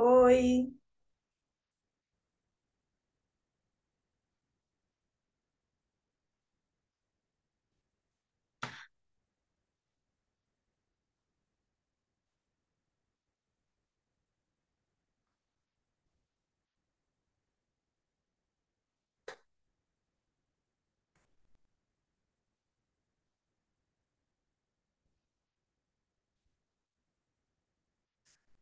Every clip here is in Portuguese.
Oi.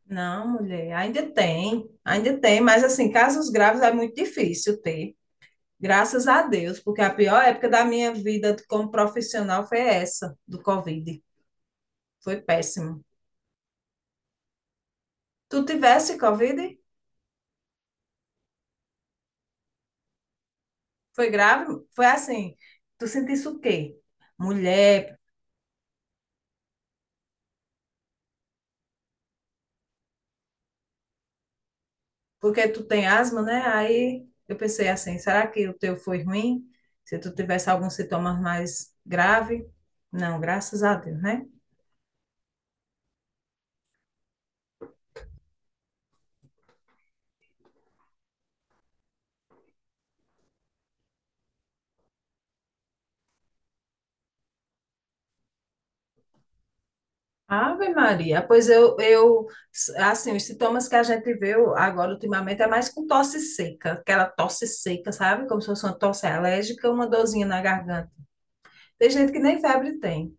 Não, mulher, ainda tem, mas assim, casos graves é muito difícil ter, graças a Deus, porque a pior época da minha vida como profissional foi essa, do Covid. Foi péssimo. Tu tivesse Covid? Foi grave? Foi assim, tu sentisse o quê? Mulher, porque tu tem asma, né? Aí eu pensei assim, será que o teu foi ruim? Se tu tivesse alguns sintomas mais grave? Não, graças a Deus, né? Ave Maria, pois eu, assim, os sintomas que a gente vê agora ultimamente é mais com tosse seca, aquela tosse seca, sabe? Como se fosse uma tosse alérgica, uma dorzinha na garganta. Tem gente que nem febre tem.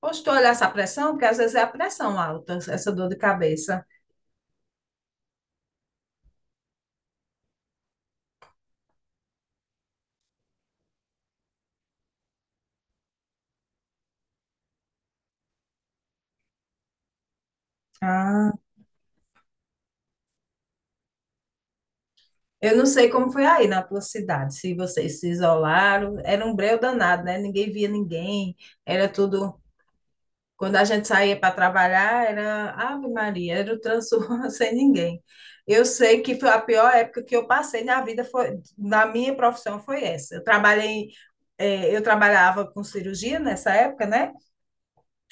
Poxa, tu olhar essa pressão, porque às vezes é a pressão alta, essa dor de cabeça. Ah. Eu não sei como foi aí na tua cidade, se vocês se isolaram, era um breu danado, né? Ninguém via ninguém, era tudo. Quando a gente saía para trabalhar, era Ave Maria, era o transtorno sem ninguém. Eu sei que foi a pior época que eu passei na vida, foi, na minha profissão foi essa. Eu trabalhei, eu trabalhava com cirurgia nessa época, né?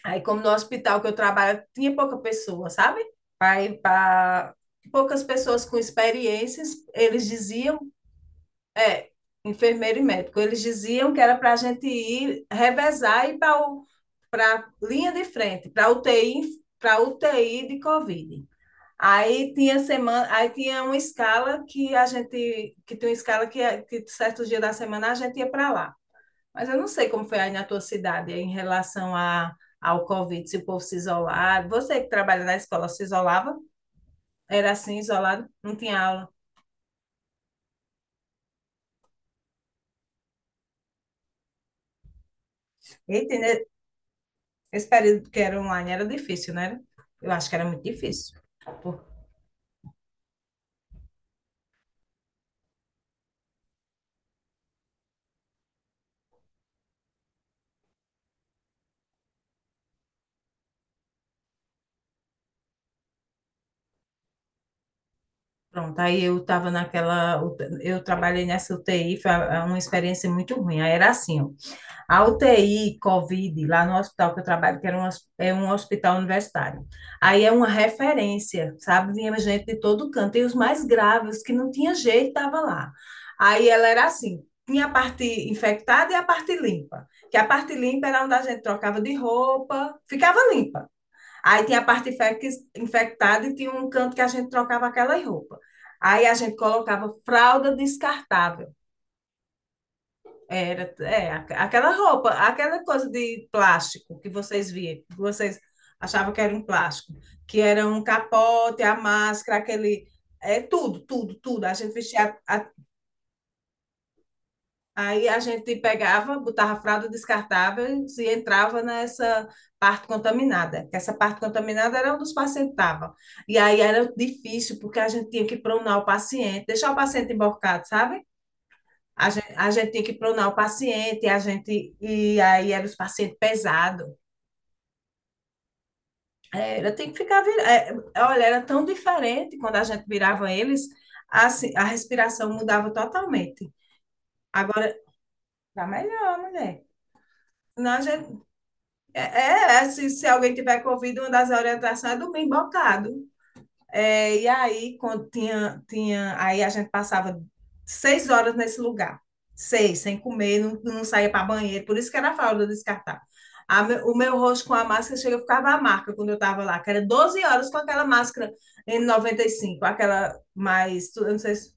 Aí, como no hospital que eu trabalho, tinha pouca pessoa, sabe? Aí, pra, poucas pessoas com experiências, eles diziam é, enfermeiro e médico. Eles diziam que era para a gente ir revezar e ir para a linha de frente, para UTI, para UTI de Covid. Aí tinha semana, aí tinha uma escala que a gente, que tinha uma escala que certos dias da semana a gente ia para lá. Mas eu não sei como foi aí na tua cidade em relação a, ao Covid, se o povo se isolava. Você que trabalha na escola se isolava? Era assim, isolado? Não tinha aula. Eita, né? Esse período que era online era difícil, né? Eu acho que era muito difícil. Por- Pronto, aí eu estava naquela. Eu trabalhei nessa UTI, foi uma experiência muito ruim. Aí era assim, ó, a UTI COVID, lá no hospital que eu trabalho, que era um, hos- é um hospital universitário. Aí é uma referência, sabe? Vinha gente de todo canto, e os mais graves, que não tinha jeito, estava lá. Aí ela era assim: tinha a parte infectada e a parte limpa. Que a parte limpa era onde a gente trocava de roupa, ficava limpa. Aí tinha a parte infec- infectada e tinha um canto que a gente trocava aquelas roupas. Aí a gente colocava fralda descartável. Era, é, aqu- aquela roupa, aquela coisa de plástico que vocês viam, que vocês achavam que era um plástico, que era um capote, a máscara, aquele. É tudo, tudo, tudo. A gente vestia, a. Aí a gente pegava, botava fralda descartável e entrava nessa parte contaminada, que essa parte contaminada era onde os pacientes estavam. E aí era difícil, porque a gente tinha que pronar o paciente, deixar o paciente emborcado, sabe? A gente tinha que pronar o paciente, a gente, e aí era os pacientes pesados. Era, tem que ficar vir- é, olha, era tão diferente quando a gente virava eles, assim, a respiração mudava totalmente. Agora, tá melhor, mulher. Não, a gente. É, é, é, se alguém tiver Covid, uma das orientações é dormir embocado. É, e aí, quando tinha, tinha, aí a gente passava 6 horas nesse lugar, seis, sem comer, não, não saía para banheiro, por isso que era fralda descartar. A, o meu rosto com a máscara chega, ficava a marca quando eu estava lá, que era 12 horas com aquela máscara n N95, aquela mais, eu não sei se.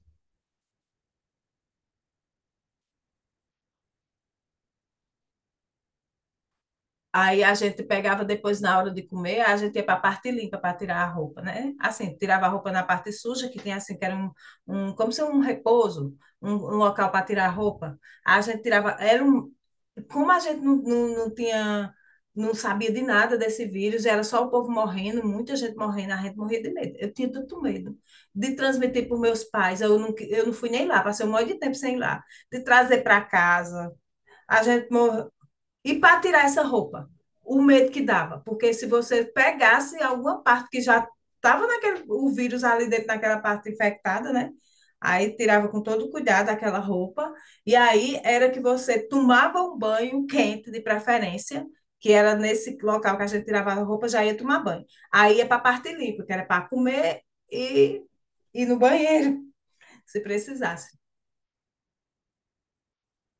Aí a gente pegava depois na hora de comer, a gente ia para a parte limpa para tirar a roupa, né? Assim, tirava a roupa na parte suja, que tinha assim, que era um, um como se um repouso, um local para tirar a roupa. A gente tirava, era um, como a gente não tinha, não sabia de nada desse vírus, era só o povo morrendo, muita gente morrendo, a gente morria de medo. Eu tinha tanto medo de transmitir para os meus pais, eu não fui nem lá, passei um monte de tempo sem ir lá, de trazer para casa. A gente e para tirar essa roupa, o medo que dava, porque se você pegasse alguma parte que já estava naquele, o vírus ali dentro naquela parte infectada, né? Aí tirava com todo cuidado aquela roupa, e aí era que você tomava um banho quente de preferência, que era nesse local que a gente tirava a roupa, já ia tomar banho. Aí ia para a parte limpa, que era para comer e ir no banheiro, se precisasse.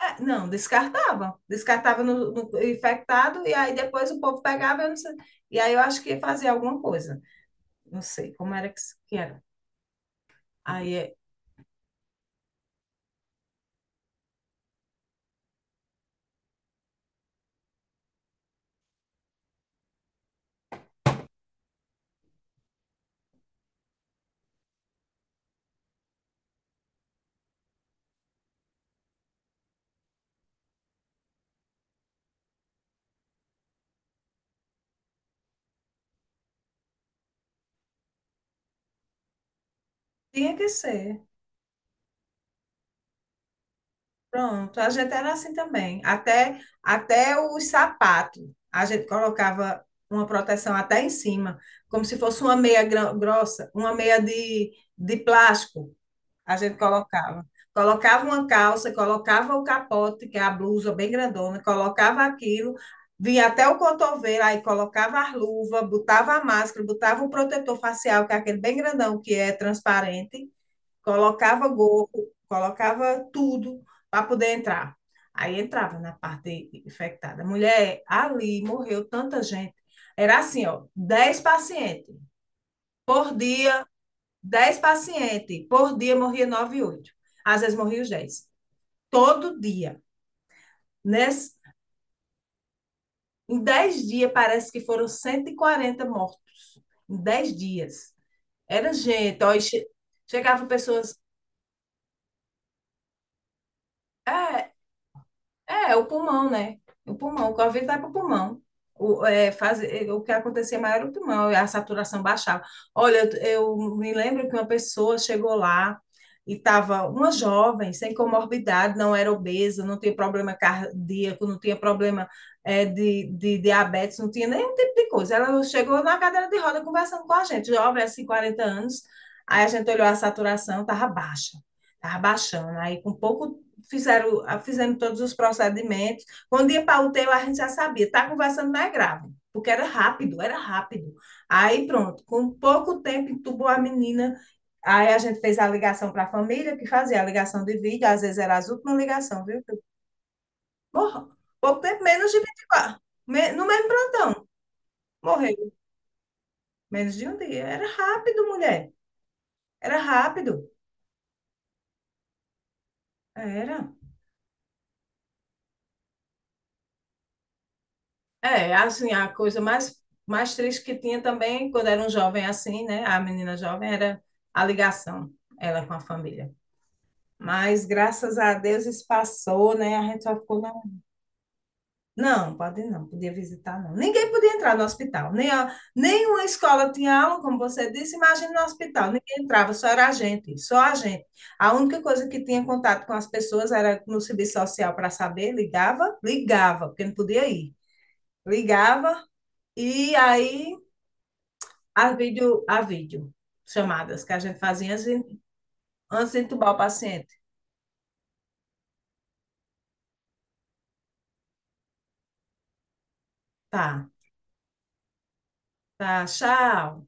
É, não, descartava. Descartava no, no infectado e aí depois o povo pegava, eu não sei. E aí eu acho que fazia alguma coisa. Não sei como era que, se- que era. Aí é, tinha que ser. Pronto, a gente era assim também. Até, até os sapatos. A gente colocava uma proteção até em cima, como se fosse uma meia gro- grossa, uma meia de plástico. A gente colocava. Colocava uma calça, colocava o capote, que é a blusa bem grandona, colocava aquilo, vinha até o cotovelo, aí colocava a luva, botava a máscara, botava o protetor facial, que é aquele bem grandão, que é transparente, colocava gorro, colocava tudo para poder entrar. Aí entrava na parte infectada. Mulher, ali morreu tanta gente. Era assim, ó, por dia 10 pacientes por dia, morria 9, oito. Às vezes morria os dez. Todo dia. Nesse, em 10 dias, parece que foram 140 mortos. Em 10 dias. Era gente. Ó, chegava pessoas. É, é, é o pulmão, né? O pulmão, o Covid vai para o pulmão. O, é, faz, é, o que acontecia maior era o pulmão, a saturação baixava. Olha, eu me lembro que uma pessoa chegou lá e estava uma jovem, sem comorbidade, não era obesa, não tinha problema cardíaco, não tinha problema é, de diabetes, não tinha nenhum tipo de coisa. Ela chegou na cadeira de roda conversando com a gente, jovem, assim, 40 anos. Aí a gente olhou a saturação, estava baixa, estava baixando. Aí com pouco fizeram, ah, fizeram todos os procedimentos. Quando ia para o UTI, a gente já sabia, está conversando, não é grave, porque era rápido, era rápido. Aí pronto, com pouco tempo entubou a menina. Aí a gente fez a ligação para a família, que fazia a ligação de vídeo, às vezes era as últimas ligações, viu? Morra. Pouco tempo, menos de 24. Me, no mesmo plantão, morreu. Menos de um dia. Era rápido, mulher. Era rápido. Era. É, assim, a coisa mais, mais triste que tinha também, quando era um jovem assim, né? A menina jovem era a ligação, ela com a família. Mas graças a Deus isso passou, né? A gente só ficou na... Não, pode não, podia visitar não. Ninguém podia entrar no hospital, nem a, nenhuma escola tinha aula, como você disse, imagina no hospital, ninguém entrava, só era a gente, só a gente. A única coisa que tinha contato com as pessoas era no serviço social para saber, ligava, ligava, porque não podia ir. Ligava, e aí. A vídeo chamadas que a gente fazia antes de entubar o paciente. Tá, tá, tchau.